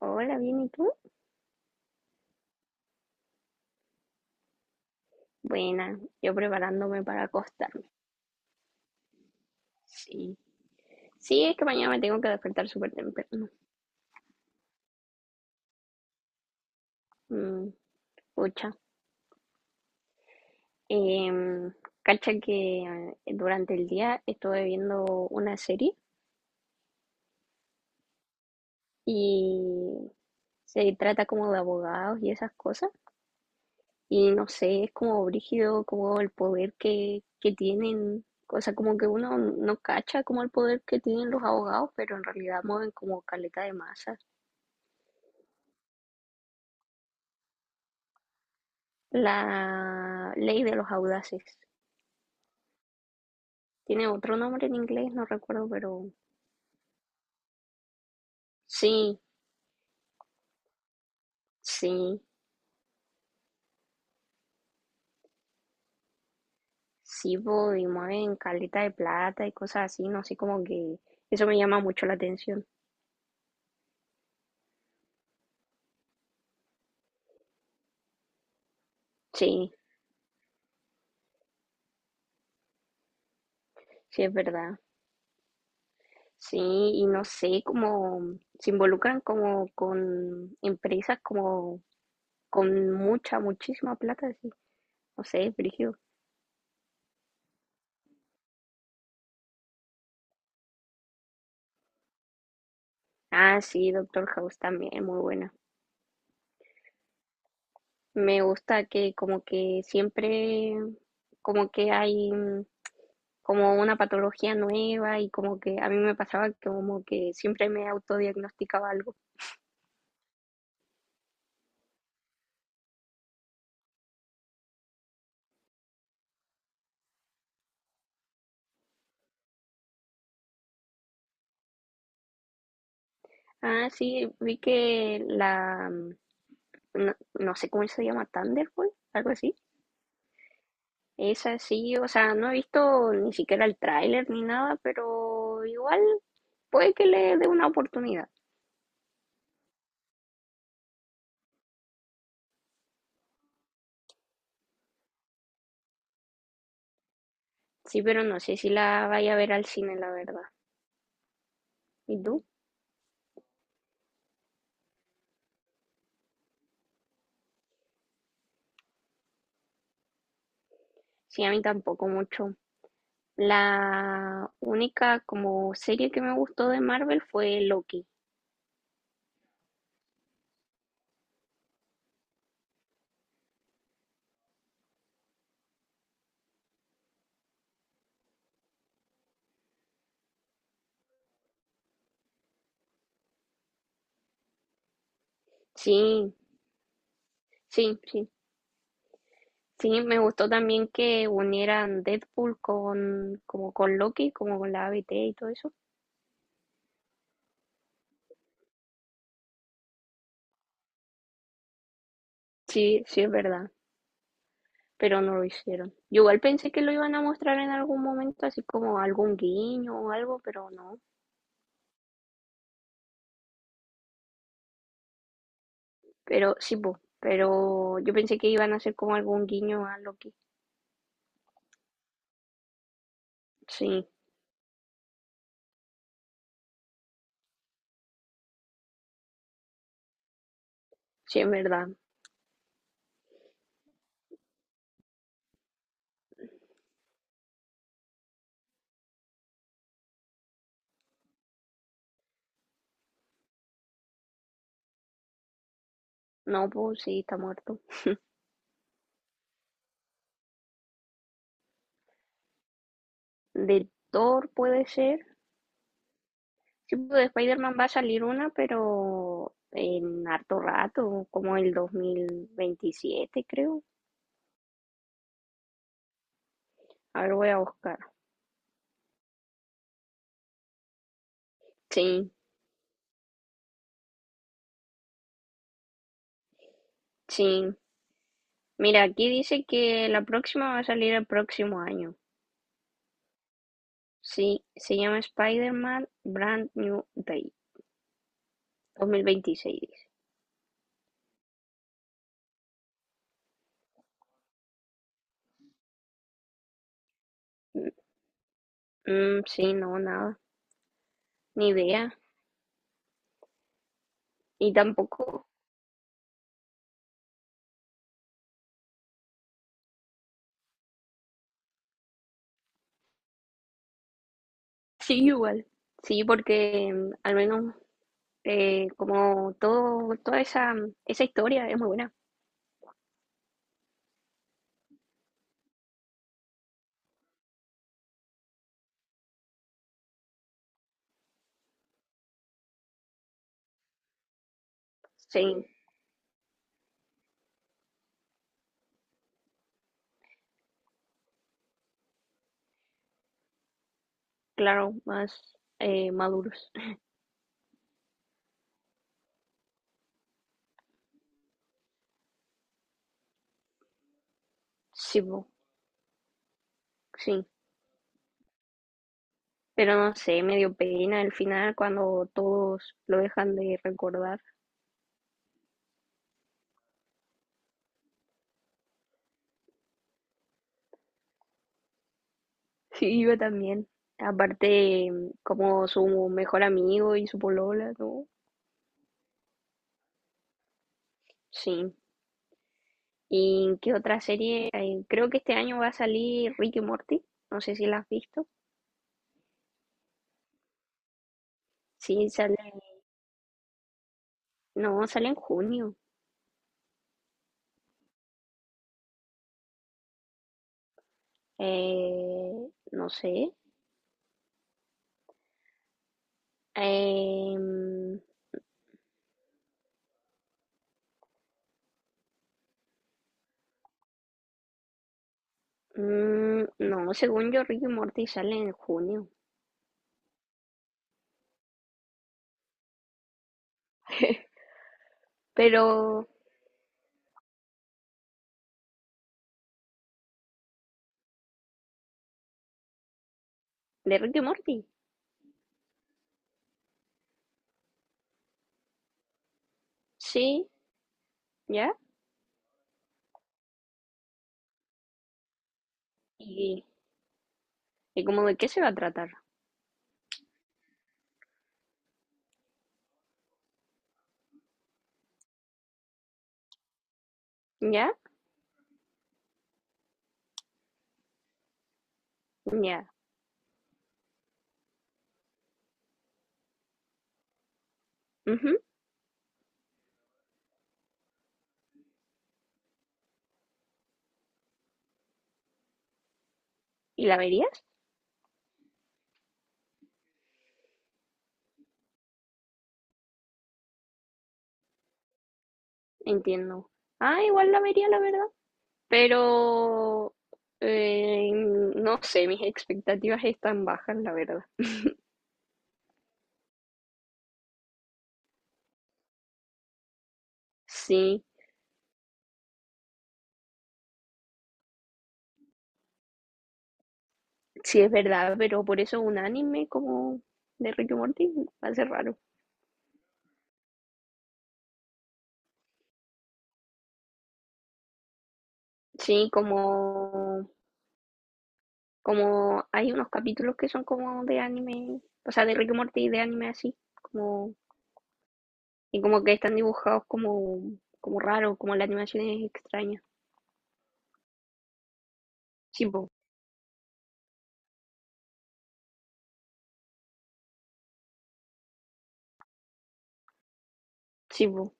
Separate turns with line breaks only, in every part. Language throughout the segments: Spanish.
Hola, bien, ¿y tú? Buena, yo preparándome para acostarme. Sí, sí, es que mañana me tengo que despertar súper temprano. Mm, pucha. Em, cacha que durante el día estuve viendo una serie y se trata como de abogados y esas cosas. Y no sé, es como brígido, como el poder que tienen. O sea, como que uno no cacha como el poder que tienen los abogados, pero en realidad mueven como caleta de masa. La ley de los audaces. Tiene otro nombre en inglés, no recuerdo, pero sí, sí, sí, voy, mueven caleta de plata y cosas así, no sé, como que eso me llama mucho la atención. Sí, sí, es verdad. Sí, y no sé, como se involucran como con empresas como con mucha, muchísima plata, sí. No sé, brígido. Ah, sí, Doctor House también, muy buena. Me gusta que como que siempre como que hay como una patología nueva y como que a mí me pasaba que como que siempre me autodiagnosticaba algo. Ah, sí, vi que la, no, no sé cómo se llama, Thunderbolt, algo así. Esa sí, o sea, no he visto ni siquiera el tráiler ni nada, pero igual puede que le dé una oportunidad. Sí, pero no sé si la vaya a ver al cine, la verdad. ¿Y tú? Sí, a mí tampoco mucho. La única como serie que me gustó de Marvel fue Loki. Sí, sí, sí. Sí, me gustó también que unieran Deadpool con como con Loki, como con la A B T y todo eso. Sí, sí es verdad, pero no lo hicieron. Yo igual pensé que lo iban a mostrar en algún momento, así como algún guiño o algo, pero no. Pero sí, po, pero yo pensé que iban a hacer como algún guiño a Loki. Sí, sí es verdad. No, pues sí, está muerto. De Thor puede ser. Sí, pues, de Spider-Man va a salir una, pero en harto rato, como el 2027, creo. A ver, voy a buscar. Sí, sí. Mira, aquí dice que la próxima va a salir el próximo año. Sí, se llama Spider-Man Brand New Day 2026. Dice. Mm, sí, no, nada, ni idea. Y tampoco, sí, igual. Sí, porque al menos como todo, toda esa historia es muy buena. Sí, claro, más maduros. Sí, po, sí. Pero no sé, me dio pena el final cuando todos lo dejan de recordar. Sí, yo también. Aparte, como su mejor amigo y su polola, ¿no? Sí. ¿Y qué otra serie? Creo que este año va a salir Rick y Morty. No sé si la has visto. Sí, sale. No, sale en junio. Eh, no sé. Em, Mm, no, según yo, Rick y Morty sale en junio. Pero, ¿de Rick y Morty? Sí, ¿ya? ¿Y, y como de qué se va a tratar? ¿Ya? ¿Ya? Ujú. ¿Y la verías? Entiendo. Ah, igual la vería, la verdad. Pero, no sé, mis expectativas están bajas, la verdad. Sí, sí es verdad, pero por eso un anime como de Rick y Morty va a ser raro. Sí, como como hay unos capítulos que son como de anime, o sea, de Rick y Morty de anime así, como y como que están dibujados como como raro, como la animación es extraña. Sí, po, sí, po.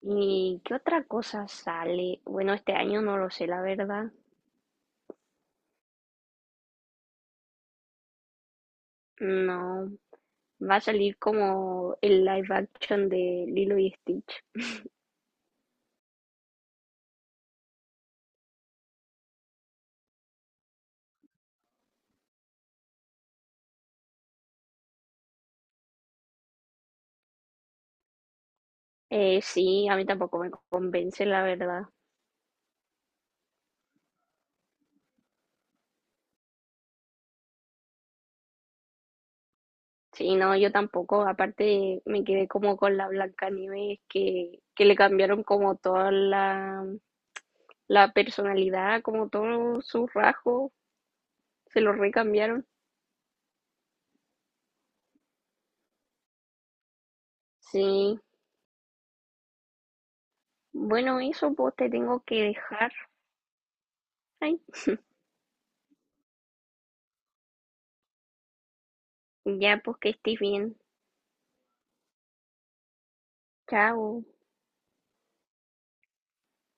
¿Y qué otra cosa sale? Bueno, este año no lo sé, la verdad. No, va a salir como el live action de Lilo y Stitch. Sí, a mí tampoco me convence, la verdad. Sí, no, yo tampoco. Aparte, me quedé como con la Blancanieves que le cambiaron como toda la, la personalidad, como todos sus rasgos, se los recambiaron. Sí, bueno, eso pues te tengo que dejar. Ay, ya pues que estés bien. Chao.